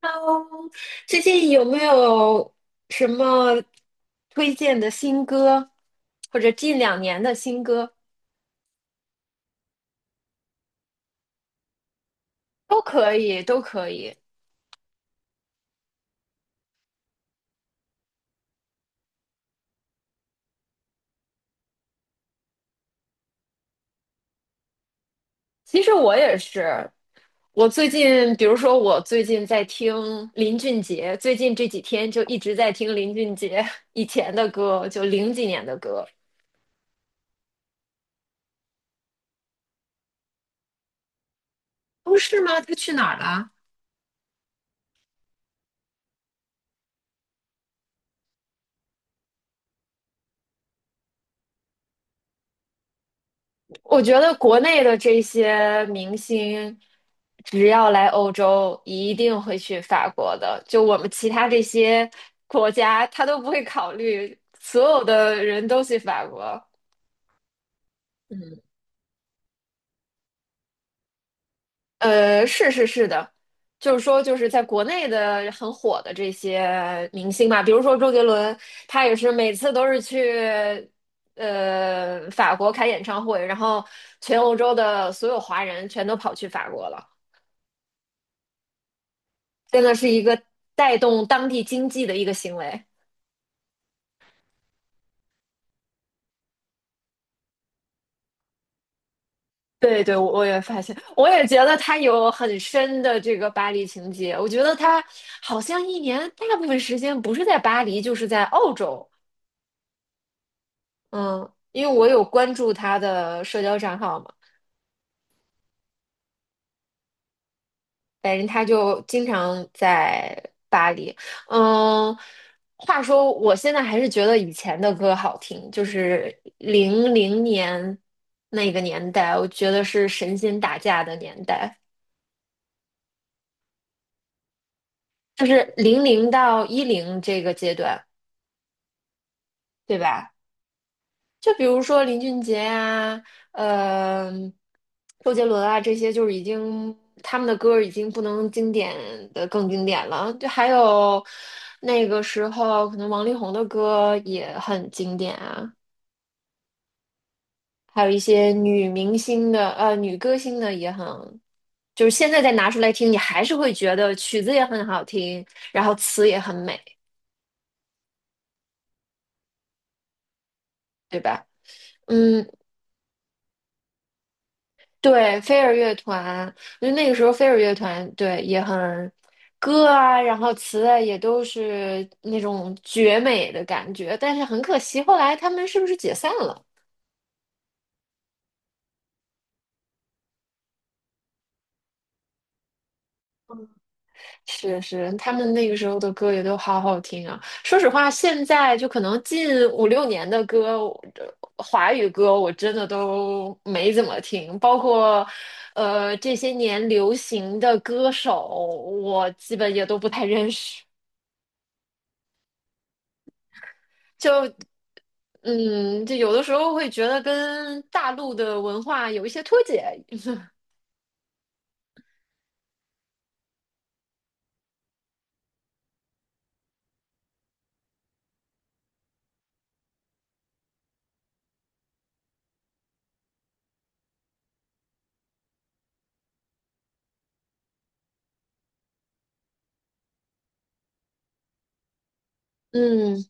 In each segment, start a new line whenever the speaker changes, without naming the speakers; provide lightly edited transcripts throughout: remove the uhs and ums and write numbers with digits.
Hello，最近有没有什么推荐的新歌，或者近两年的新歌？都可以，都可以。其实我也是，我最近，比如说我最近在听林俊杰，最近这几天就一直在听林俊杰 以前的歌，就零几年的歌。哦，是吗？他去哪儿了？我觉得国内的这些明星，只要来欧洲，一定会去法国的。就我们其他这些国家，他都不会考虑，所有的人都去法国。嗯，是是是的，就是说，就是在国内的很火的这些明星嘛，比如说周杰伦，他也是每次都是去法国开演唱会，然后全欧洲的所有华人全都跑去法国了。真的是一个带动当地经济的一个行为。对对，我也发现，我也觉得他有很深的这个巴黎情节。我觉得他好像一年大部分时间不是在巴黎，就是在澳洲。嗯，因为我有关注他的社交账号嘛，反正他就经常在巴黎。嗯，话说我现在还是觉得以前的歌好听，就是零零年那个年代，我觉得是神仙打架的年代。就是零零到一零这个阶段，对吧？就比如说林俊杰啊，呃，周杰伦啊，这些就是已经他们的歌已经不能经典的更经典了。就还有那个时候，可能王力宏的歌也很经典啊，还有一些女明星的女歌星的也很，就是现在再拿出来听，你还是会觉得曲子也很好听，然后词也很美，对吧？嗯，对，飞儿乐团，我觉得那个时候飞儿乐团对也很歌啊，然后词啊也都是那种绝美的感觉，但是很可惜，后来他们是不是解散了？是是，他们那个时候的歌也都好好听啊。说实话，现在就可能近五六年的歌，我华语歌我真的都没怎么听，包括这些年流行的歌手，我基本也都不太认识。就嗯，就有的时候会觉得跟大陆的文化有一些脱节。嗯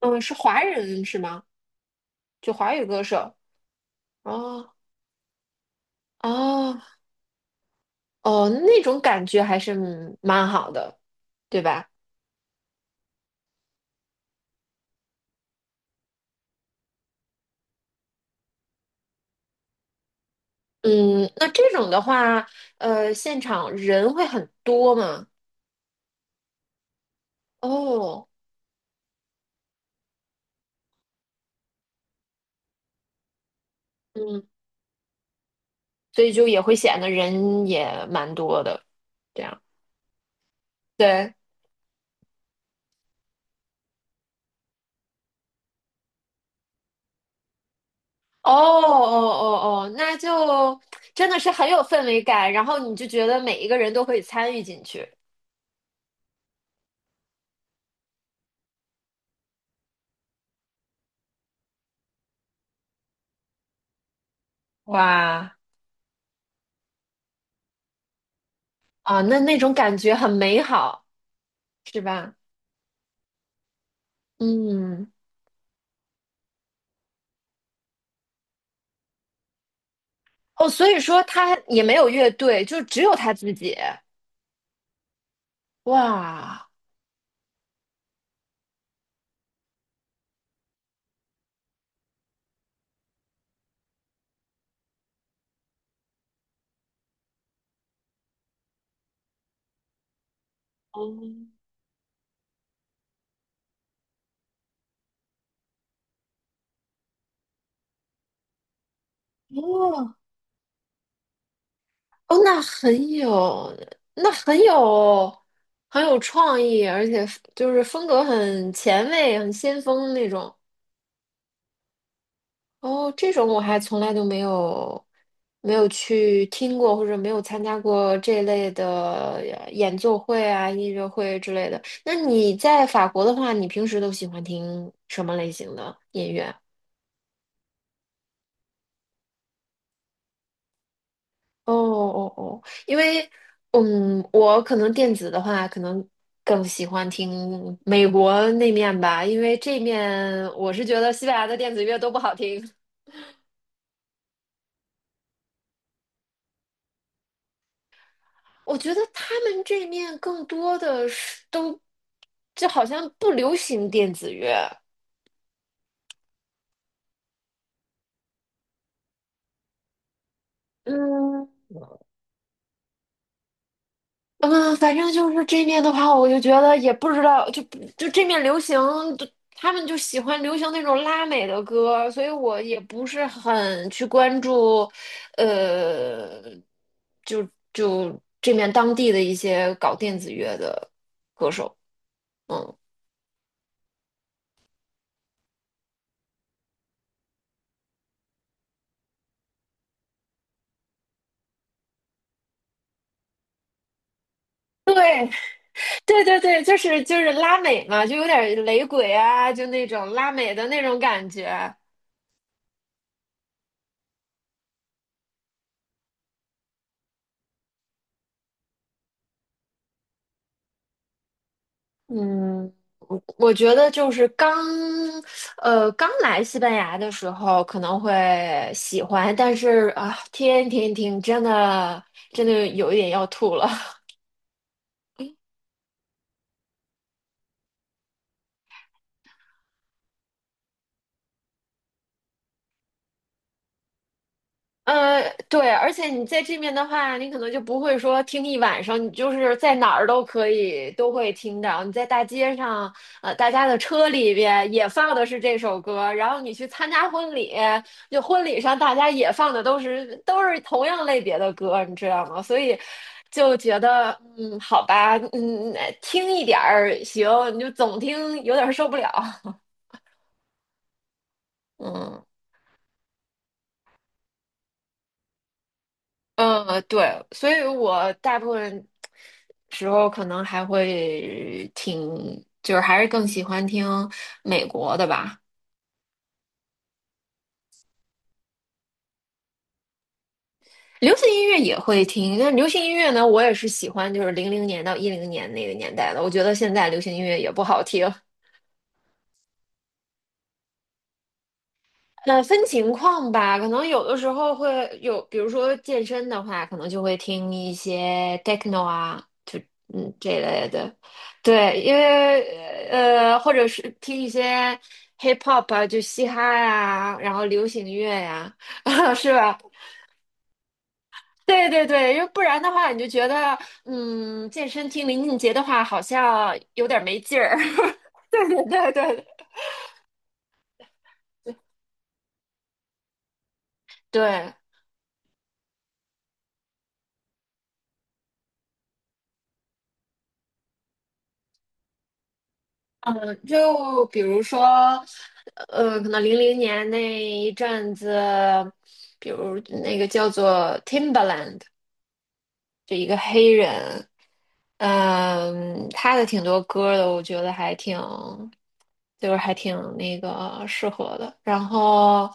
嗯，是华人是吗？就华语歌手。哦哦哦，那种感觉还是蛮好的，对吧？嗯，那这种的话，现场人会很多吗？哦，嗯，所以就也会显得人也蛮多的，这样。对。哦哦哦哦，那就真的是很有氛围感，然后你就觉得每一个人都可以参与进去哇，啊，那那种感觉很美好，是吧？嗯，哦，所以说他也没有乐队，就只有他自己。哇，哦，哦哦，那很有，那很有，很有创意，而且就是风格很前卫、很先锋那种。哦，这种我还从来都没有去听过，或者没有参加过这类的演奏会啊、音乐会之类的。那你在法国的话，你平时都喜欢听什么类型的音乐？哦哦哦，因为我可能电子的话，可能更喜欢听美国那面吧，因为这面我是觉得西班牙的电子乐都不好听。我觉得他们这面更多的是都，就好像不流行电子乐。嗯嗯，反正就是这面的话，我就觉得也不知道，就这面流行，就他们就喜欢流行那种拉美的歌，所以我也不是很去关注，呃，就就这面当地的一些搞电子乐的歌手。嗯，对，对对对，就是拉美嘛，就有点雷鬼啊，就那种拉美的那种感觉。嗯，我觉得就是刚来西班牙的时候可能会喜欢，但是啊，天天听真的真的有一点要吐了。呃，对，而且你在这面的话，你可能就不会说听一晚上，你就是在哪儿都可以都会听到。你在大街上，大家的车里边也放的是这首歌，然后你去参加婚礼，就婚礼上大家也放的都是同样类别的歌，你知道吗？所以就觉得，好吧，听一点儿行，你就总听有点儿受不了，嗯。嗯，对，所以我大部分时候可能还会挺，就是还是更喜欢听美国的吧。流行音乐也会听，但流行音乐呢，我也是喜欢就是零零年到一零年那个年代的。我觉得现在流行音乐也不好听。那分情况吧，可能有的时候会有，比如说健身的话，可能就会听一些 techno 啊，就这一类的，对，因为或者是听一些 hip hop 啊，就嘻哈呀、然后流行乐呀、是吧？对对对，因为不然的话，你就觉得健身听林俊杰的话，好像有点没劲儿。对对对对对。嗯，就比如说，可能零零年那一阵子，比如那个叫做 Timberland 就一个黑人，嗯，他的挺多歌的，我觉得还挺，就是还挺那个适合的。然后，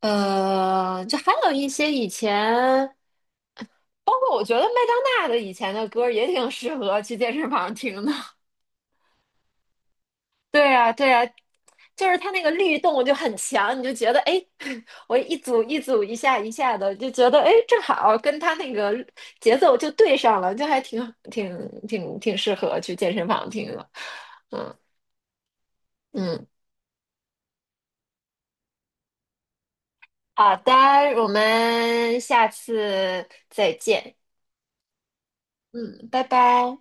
就还有一些以前，包括我觉得麦当娜的以前的歌也挺适合去健身房听的。对啊，对啊，就是它那个律动就很强，你就觉得哎，诶 我一组一组一下一下的，就觉得哎，诶正好跟它那个节奏就对上了，就还挺适合去健身房听了。嗯嗯，好的，我们下次再见。嗯，拜拜。